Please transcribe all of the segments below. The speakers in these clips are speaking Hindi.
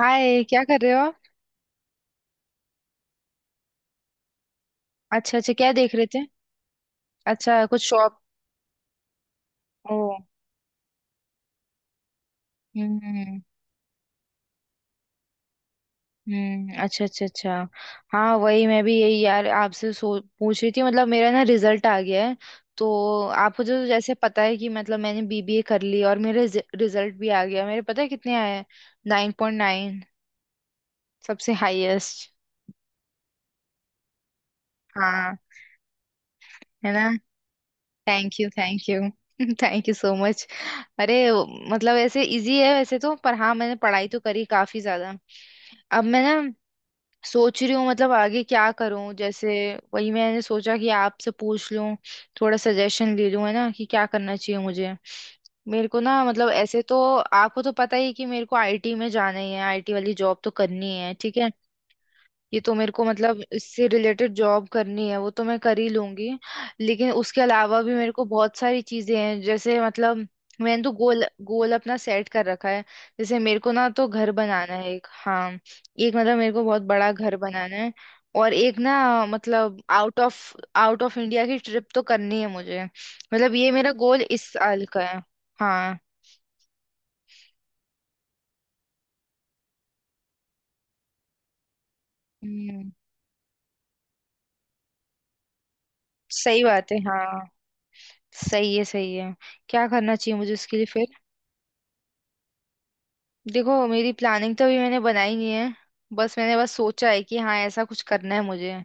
हाय, क्या कर रहे हो आप? अच्छा अच्छा, क्या देख रहे थे? अच्छा, कुछ शॉप? ओ। हम्म। हम्म, अच्छा अच्छा अच्छा। हाँ, वही मैं भी यही यार आपसे सो पूछ रही थी, मतलब मेरा ना रिजल्ट आ गया है तो। आपको जो जैसे पता है कि मतलब मैंने बीबीए कर ली, और मेरे रिजल्ट भी आ गया। मेरे पता है कितने आए हैं? 9.9। सबसे हाईएस्ट। हाँ। है ना। Thank you thank you thank you so much. अरे, मतलब ऐसे इजी है वैसे तो, पर हाँ मैंने पढ़ाई तो करी काफी ज्यादा। अब मैं ना, सोच रही हूँ मतलब आगे क्या करूँ जैसे। वही मैंने सोचा कि आपसे पूछ लूँ, थोड़ा सजेशन ले लूँ, है ना, कि क्या करना चाहिए मुझे। मेरे को ना मतलब ऐसे तो। आपको तो पता ही है कि मेरे को आईटी में जाना ही है। आईटी वाली जॉब तो करनी है, ठीक है। ये तो मेरे को मतलब इससे रिलेटेड जॉब करनी है, वो तो मैं कर ही लूंगी। लेकिन उसके अलावा भी मेरे को बहुत सारी चीजें हैं जैसे मतलब, मैंने तो गोल गोल अपना सेट कर रखा है। जैसे मेरे को ना तो घर बनाना है एक, हाँ। एक मतलब मेरे को बहुत बड़ा घर बनाना है। और एक ना मतलब आउट ऑफ इंडिया की ट्रिप तो करनी है मुझे, मतलब ये मेरा गोल इस साल का है। हाँ। हम्म। सही बात है हाँ। सही है सही है। क्या करना चाहिए मुझे उसके लिए फिर? देखो, मेरी प्लानिंग तो अभी मैंने बनाई नहीं है। बस मैंने बस सोचा है कि हाँ ऐसा कुछ करना है मुझे।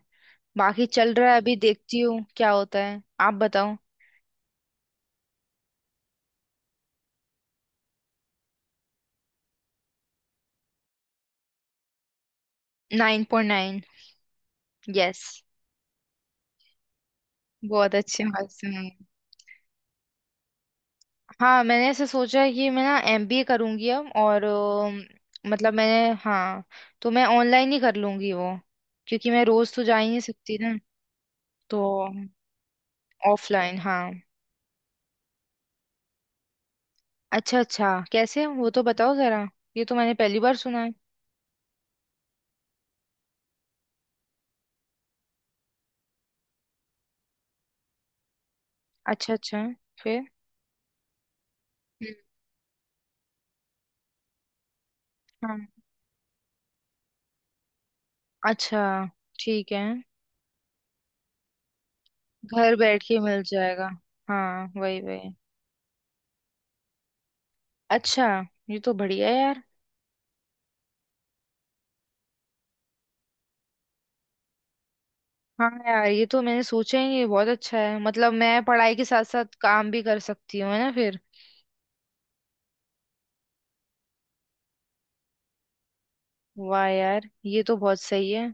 बाकी चल रहा है। अभी देखती हूँ क्या होता है। आप बताओ। 9.9। यस। बहुत अच्छे मार्क्स हैं। हाँ, मैंने ऐसा सोचा है कि मैं ना एमबीए करूंगी अब और मतलब मैंने हाँ। तो मैं ऑनलाइन ही कर लूंगी वो। क्योंकि मैं रोज तो जा ही नहीं सकती ना। तो ऑफलाइन, हाँ। अच्छा अच्छा, कैसे वो तो बताओ जरा। ये तो मैंने पहली बार सुना है। अच्छा अच्छा। फिर? हम्म, हाँ, अच्छा। ठीक है। घर बैठ के मिल जाएगा। हाँ, वही वही। अच्छा। ये तो बढ़िया है यार। हाँ यार, ये तो मैंने सोचा ही नहीं। ये बहुत अच्छा है, मतलब मैं पढ़ाई के साथ साथ काम भी कर सकती हूँ है ना फिर। वाह यार, ये तो बहुत सही है।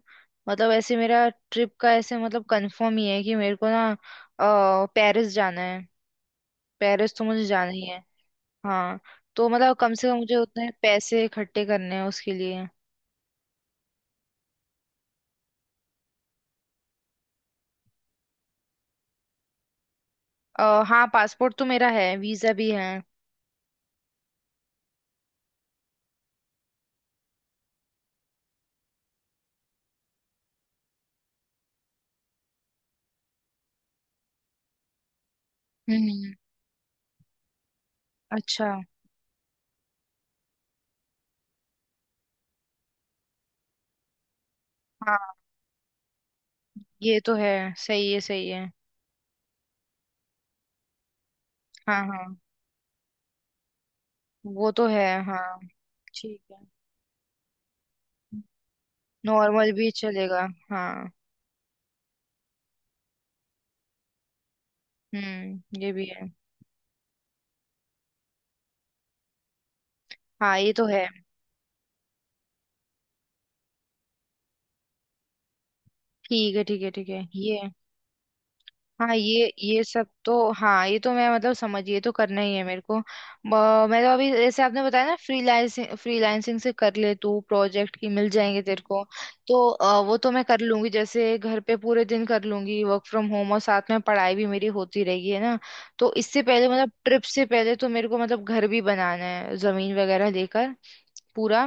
मतलब ऐसे मेरा ट्रिप का ऐसे मतलब कंफर्म ही है कि मेरे को ना, पेरिस जाना है। पेरिस तो मुझे जाना ही है। हाँ। तो मतलब कम से कम मुझे उतने पैसे इकट्ठे करने हैं उसके लिए। हाँ, पासपोर्ट तो मेरा है, वीजा भी है। हम्म। अच्छा। हाँ, ये तो है। सही है सही है। हाँ हाँ। वो तो है, हाँ। ठीक है। नॉर्मल भी चलेगा, हाँ। हम्म, ये भी है। हाँ, ये तो है। ठीक है ठीक है ठीक है ये। हाँ, ये सब तो हाँ, ये तो मैं मतलब समझ, ये तो करना ही है मेरे को। मैं तो अभी जैसे आपने बताया ना फ्रीलांसिंग फ्रीलांसिंग से कर ले तू, प्रोजेक्ट की मिल जाएंगे तेरे को। तो वो तो मैं कर लूंगी, जैसे घर पे पूरे दिन कर लूंगी वर्क फ्रॉम होम, और साथ में पढ़ाई भी मेरी होती रहेगी है ना। तो इससे पहले मतलब ट्रिप से पहले तो मेरे को मतलब घर भी बनाना है, जमीन वगैरह लेकर पूरा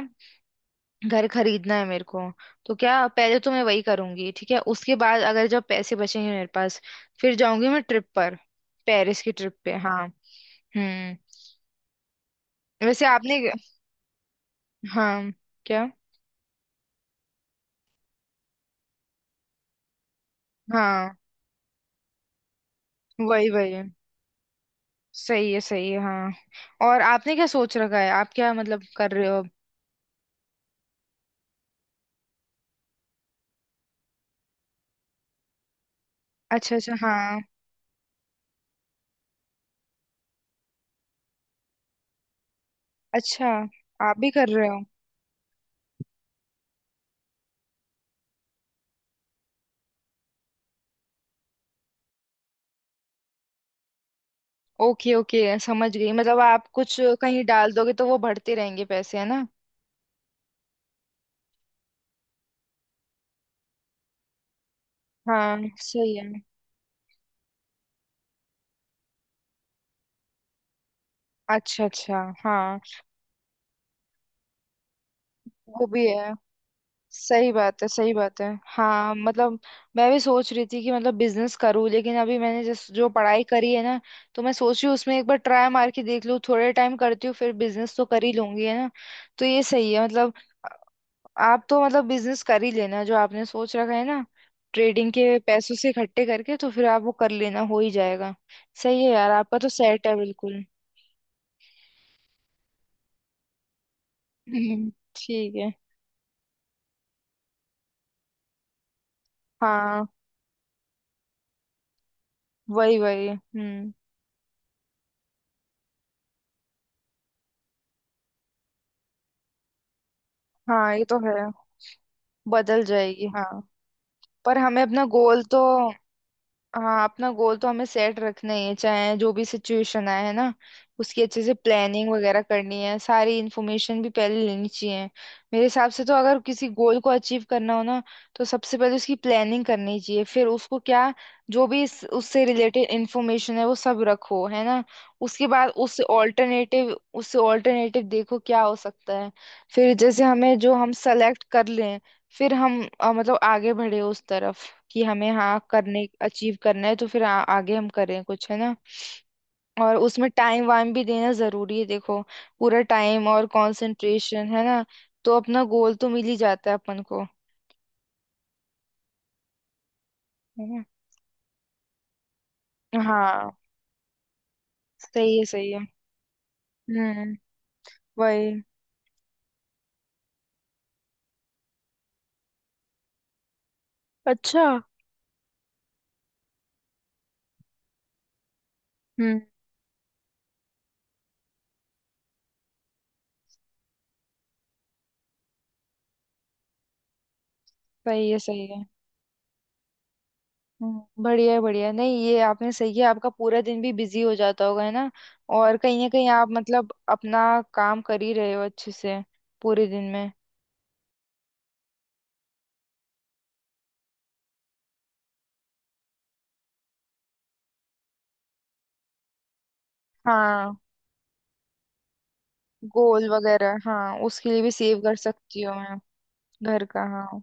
घर खरीदना है मेरे को। तो क्या पहले तो मैं वही करूंगी, ठीक है, उसके बाद अगर जब पैसे बचेंगे मेरे पास, फिर जाऊंगी मैं ट्रिप पर। पेरिस की ट्रिप पे, हाँ। हम्म। वैसे आपने। हाँ। क्या? हाँ, वही वही। सही है हाँ। और आपने क्या सोच रखा है? आप क्या मतलब कर रहे हो? अच्छा अच्छा हाँ। अच्छा। आप भी कर रहे हो? ओके ओके, समझ गई, मतलब आप कुछ कहीं डाल दोगे तो वो बढ़ते रहेंगे पैसे, है ना। हाँ। सही है। अच्छा अच्छा हाँ। वो भी है। सही बात है सही बात है। हाँ मतलब, मैं भी सोच रही थी कि मतलब बिजनेस करूँ, लेकिन अभी मैंने जिस जो पढ़ाई करी है ना, तो मैं सोच रही हूँ उसमें एक बार ट्राई मार के देख लूँ, थोड़े टाइम करती हूँ, फिर बिजनेस तो कर ही लूंगी है ना। तो ये सही है मतलब। आ- आप तो मतलब बिजनेस कर ही लेना, जो आपने सोच रखा है ना। ट्रेडिंग के पैसों से इकट्ठे करके तो फिर आप वो कर लेना, हो ही जाएगा। सही है यार, आपका तो सेट है बिल्कुल। हम्म, ठीक है। हाँ, वही वही, हम्म। हाँ, ये तो है। बदल जाएगी, हाँ। पर हमें अपना गोल तो। हाँ, अपना गोल तो हमें सेट रखना ही है, चाहे जो भी सिचुएशन आए है ना। उसकी अच्छे से प्लानिंग वगैरह करनी है। सारी इन्फॉर्मेशन भी पहले लेनी चाहिए। मेरे हिसाब से तो अगर किसी गोल को अचीव करना हो ना, तो सबसे पहले उसकी प्लानिंग करनी चाहिए। फिर उसको क्या, जो भी उससे रिलेटेड इन्फॉर्मेशन है वो सब रखो है ना। उसके बाद उससे ऑल्टरनेटिव देखो क्या हो सकता है। फिर जैसे हमें जो हम सेलेक्ट कर लें, फिर हम मतलब आगे बढ़े उस तरफ, कि हमें हाँ करने अचीव करना है, तो फिर आगे हम करें कुछ है ना। और उसमें टाइम वाइम भी देना जरूरी है, देखो। पूरा टाइम और कंसंट्रेशन है ना। तो अपना गोल तो मिल ही जाता है अपन को। है ना। हाँ। सही है सही है। हम्म। वही। अच्छा। हम्म, सही है सही है। हम्म, बढ़िया है बढ़िया है। नहीं, ये आपने सही किया, आपका पूरा दिन भी बिजी हो जाता होगा है ना। और कहीं ना कहीं आप मतलब अपना काम कर ही रहे हो अच्छे से पूरे दिन में। हाँ, गोल वगैरह, हाँ, उसके लिए भी सेव कर सकती हूँ मैं। घर का, हाँ।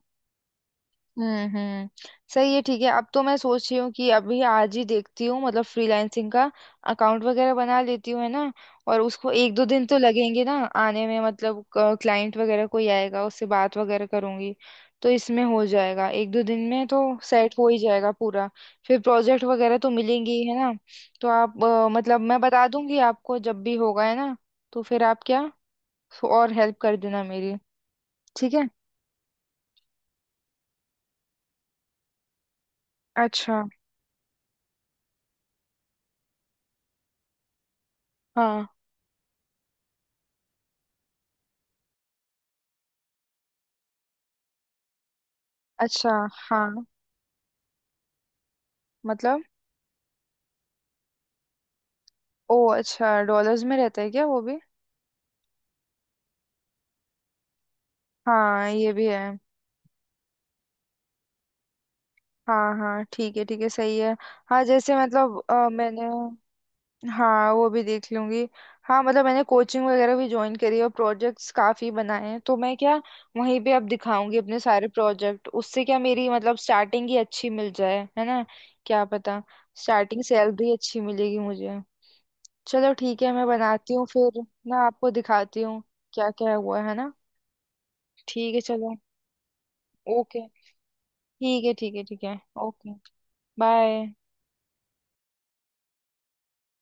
हम्म। सही है, ठीक है। अब तो मैं सोच रही हूँ कि अभी आज ही देखती हूँ, मतलब फ्रीलांसिंग का अकाउंट वगैरह बना लेती हूँ है ना। और उसको एक दो दिन तो लगेंगे ना आने में, मतलब क्लाइंट वगैरह कोई आएगा उससे बात वगैरह करूंगी। तो इसमें हो जाएगा, एक दो दिन में तो सेट हो ही जाएगा पूरा। फिर प्रोजेक्ट वगैरह तो मिलेंगे ही है ना। तो आप मतलब मैं बता दूंगी आपको जब भी होगा है ना। तो फिर आप क्या, तो और हेल्प कर देना मेरी। ठीक है। अच्छा, हाँ। अच्छा, हाँ, मतलब। ओ अच्छा, डॉलर्स में रहता है क्या वो भी? हाँ, ये भी है। हाँ हाँ, ठीक है ठीक है, सही है। हाँ जैसे मतलब मैंने। हाँ, वो भी देख लूंगी। हाँ मतलब, मैंने कोचिंग वगैरह भी ज्वाइन करी है और प्रोजेक्ट्स काफी बनाए हैं, तो मैं क्या, वहीं पे अब दिखाऊंगी अपने सारे प्रोजेक्ट, उससे क्या मेरी मतलब स्टार्टिंग ही अच्छी मिल जाए, है ना। क्या पता। स्टार्टिंग सैलरी अच्छी मिलेगी मुझे। चलो ठीक है, मैं बनाती हूँ फिर ना, आपको दिखाती हूँ क्या क्या हुआ है ना। ठीक है चलो। ओके। ठीक है ठीक है ठीक है। ओके। बाय।